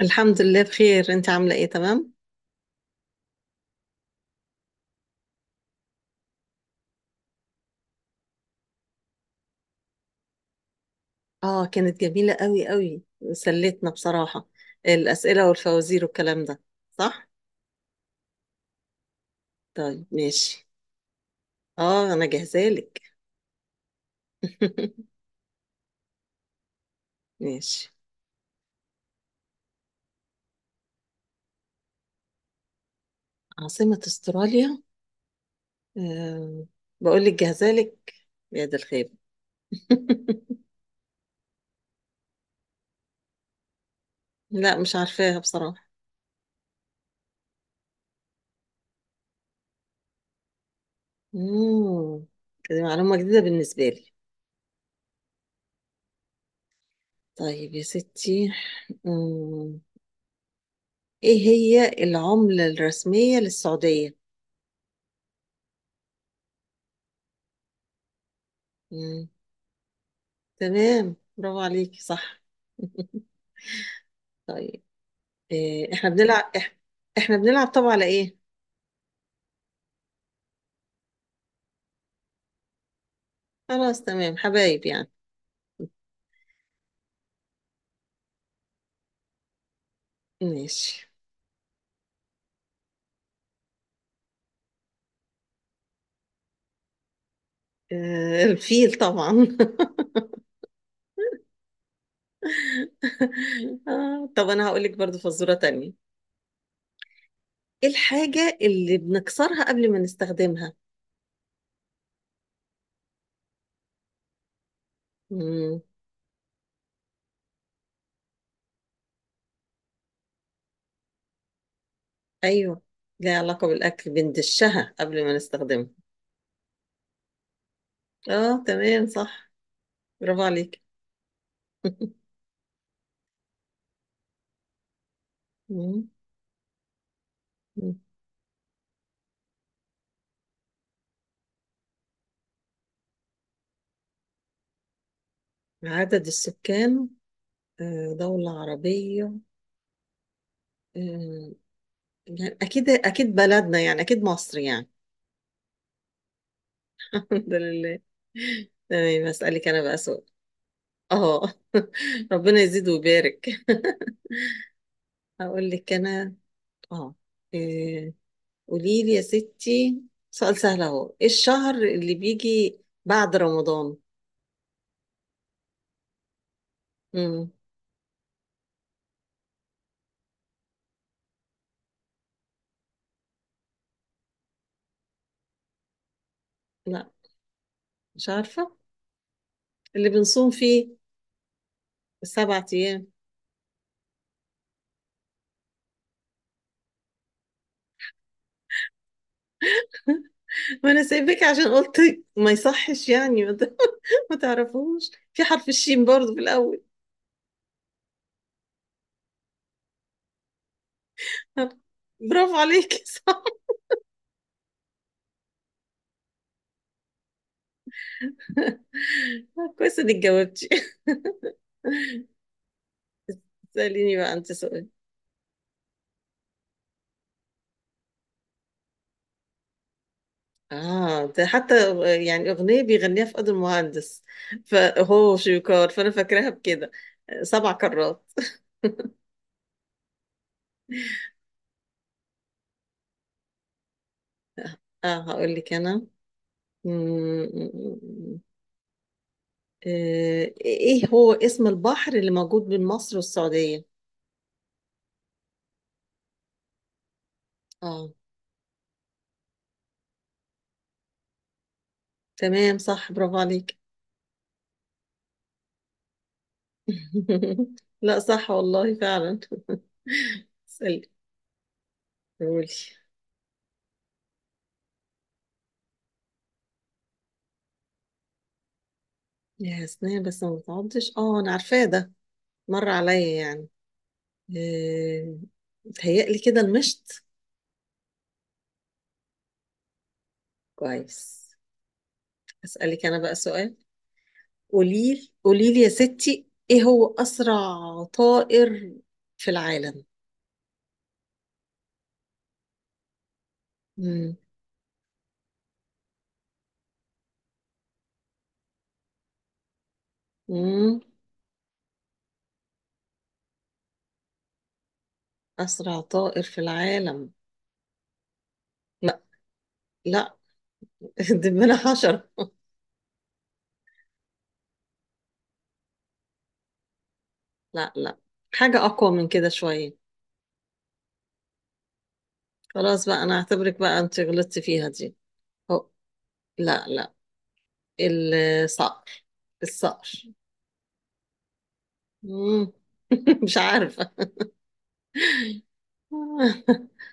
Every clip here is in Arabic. الحمد لله بخير. انت عاملة ايه؟ تمام. اه، كانت جميلة قوي قوي. سلتنا بصراحة. الأسئلة والفوازير والكلام ده. صح. طيب، ماشي. اه، انا جاهزة لك. ماشي. عاصمة استراليا. أه. بقول لك جاهزة لك. يا ده الخير. لا، مش عارفاها بصراحة. مم. دي معلومة جديدة بالنسبة لي. طيب يا ستي. مم. ايه هي العملة الرسمية للسعودية؟ تمام، برافو عليكي، صح. طيب. إيه احنا بنلعب إح... احنا بنلعب طبعا على ايه؟ خلاص، تمام، حبايب يعني. ماشي. إيه الفيل طبعا. آه، طب انا هقول لك برضو فزورة تانية. ايه الحاجة اللي بنكسرها قبل ما نستخدمها؟ مم. ايوه، ليها علاقة بالاكل، بندشها قبل ما نستخدمها. اه، تمام صح، برافو عليك. مم. مم. عدد السكان. دولة عربية. آه، يعني أكيد أكيد بلدنا، يعني أكيد مصر يعني. الحمد لله. تمام، أسألك أنا بقى سؤال. أه. ربنا يزيد ويبارك. هقول لك أنا. أه. إيه، قولي لي يا ستي. سؤال سهل أهو، إيه الشهر اللي بيجي بعد رمضان؟ مم. لا، مش عارفة. اللي بنصوم فيه. السبع أيام. ما أنا سايبك عشان قلت. ما يصحش يعني. ما تعرفوش، في حرف الشين برضه في الأول. برافو عليكي، صح. كويس انك جاوبتي. سأليني بقى انت سؤال. اه، ده حتى يعني اغنيه بيغنيها في قدر المهندس، فهو شويكار، فانا فاكراها بكده. 7 كرات. اه، هقول لك انا. مم. ايه هو اسم البحر اللي موجود بين مصر والسعوديه؟ اه، تمام صح، برافو عليك. لا، صح والله فعلا. اسالي. قولي. يا سنية بس ما بتعضش، اه، انا عارفاه ده. مر عليا يعني. آه، متهيألي كده المشط. كويس. اسألك انا بقى سؤال. قوليلي قوليلي يا ستي، ايه هو اسرع طائر في العالم؟ مم. مم. اسرع طائر في العالم. لا، لا. دبانة حشرة؟ لا، لا، حاجة اقوى من كده شوية. خلاص بقى، انا اعتبرك بقى انت غلطتي فيها دي. أو. لا، لا. الصقر الصقر. مم. مش عارفة.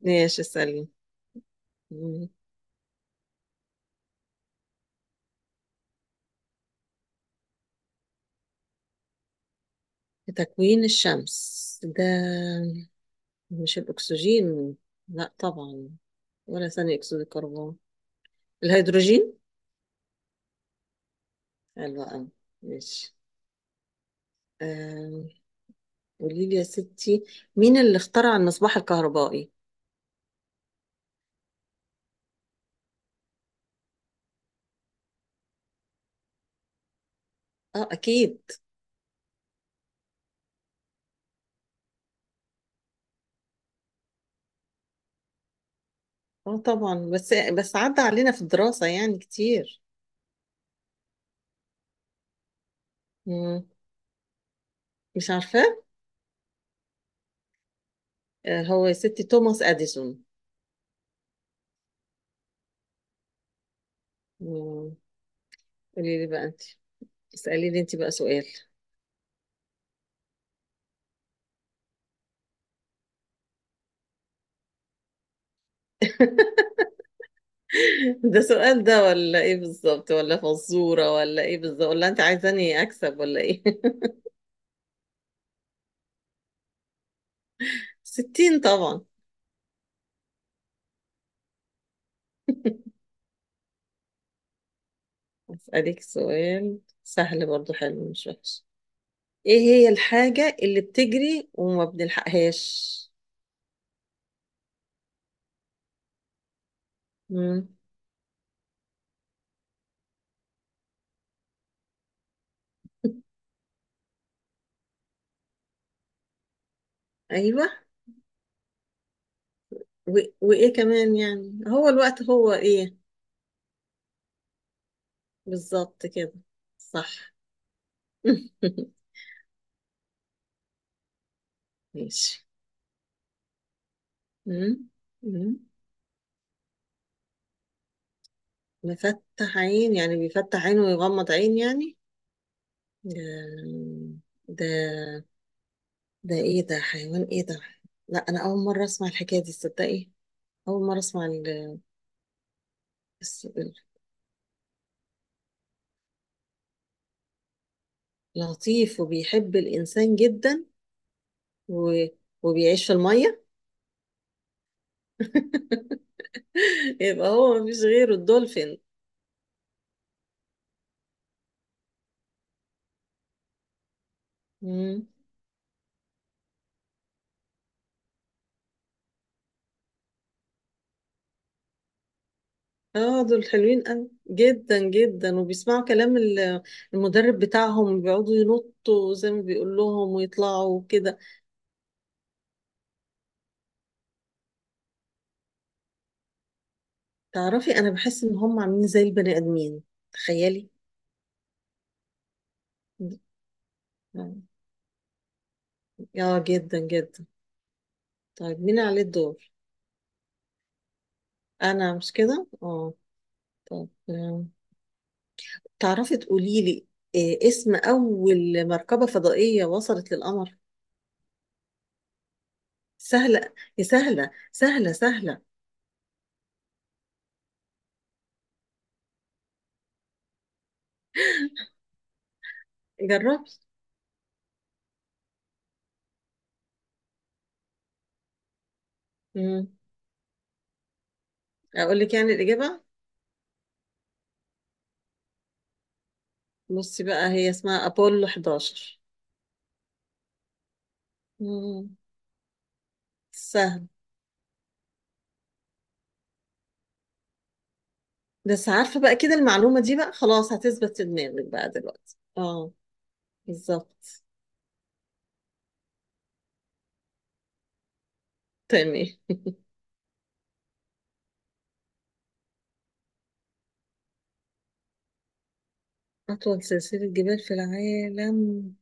ماشي، اسألي. مم. تكوين الشمس ده. مش الأكسجين؟ لا طبعا. ولا ثاني أكسيد الكربون. الهيدروجين. حلو أوي. ماشي. آه، قولي لي يا ستي. مين اللي اخترع المصباح الكهربائي؟ اه، أكيد. اه، طبعا بس عدى علينا في الدراسة يعني كتير. مم. مش عارفة. هو يا ستي توماس أديسون. مم. قولي لي بقى أنت. اسألي لي أنت بقى سؤال. ده سؤال ده ولا ايه بالظبط، ولا فزورة ولا ايه بالظبط، ولا انت عايزاني اكسب ولا ايه؟ 60 طبعا. اسألك سؤال. سهل برضو، حلو مش وحش. ايه هي الحاجة اللي بتجري وما بنلحقهاش؟ مم. ايوه. و... وايه كمان يعني؟ هو الوقت هو ايه؟ بالظبط كده. صح. ماشي. مم. مم. مفتح عين يعني بيفتح عينه ويغمض عين يعني؟ ده ده ده ايه ده حيوان ايه ده؟ لا، انا اول مره اسمع الحكايه دي، تصدقي. اول مره اسمع الس- لطيف وبيحب الانسان جدا. و... وبيعيش في الميه. يبقى هو مفيش غيره، الدولفين. مم. اه، دول حلوين قوي جدا جدا وبيسمعوا كلام المدرب بتاعهم، بيقعدوا ينطوا زي ما بيقول لهم ويطلعوا وكده. تعرفي، انا بحس ان هم عاملين زي البني ادمين. تخيلي. اه، جدا جدا. طيب، مين عليه الدور؟ انا مش كده، اه. طب تعرفي تقولي لي، إيه اسم اول مركبة فضائية وصلت للقمر؟ سهلة يا سهلة، سهلة سهلة. جربي. مم. اقول لك يعني الاجابة. بصي بقى، هي اسمها ابولو 11. مم. سهل. بس عارفة بقى كده، المعلومة دي بقى خلاص هتثبت في دماغك بقى دلوقتي، اه. بالظبط. تمام. أطول سلسلة جبال في العالم.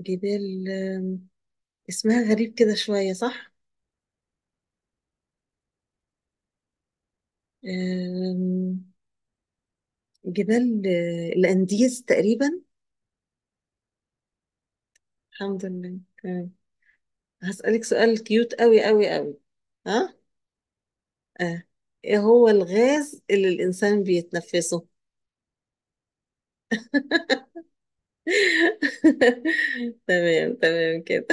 جبال اسمها غريب كده شوية، صح؟ آم، جبال الأنديز تقريبا. الحمد لله، تمام. هسألك سؤال كيوت أوي أوي أوي. ها؟ آه. إيه هو الغاز اللي الإنسان بيتنفسه؟ تمام تمام كده.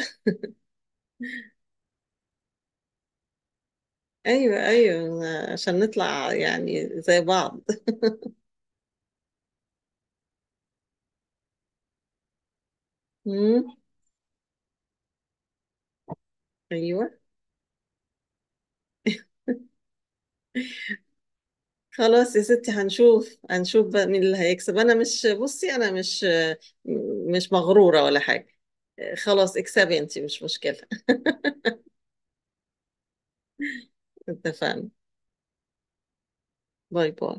أيوه أيوه، عشان نطلع يعني زي بعض. مم، أيوه. خلاص يا ستي، هنشوف هنشوف بقى مين اللي هيكسب. انا مش بصي، انا مش مغرورة ولا حاجة. خلاص، اكسبي انتي، مش مشكلة. اتفقنا. باي باي.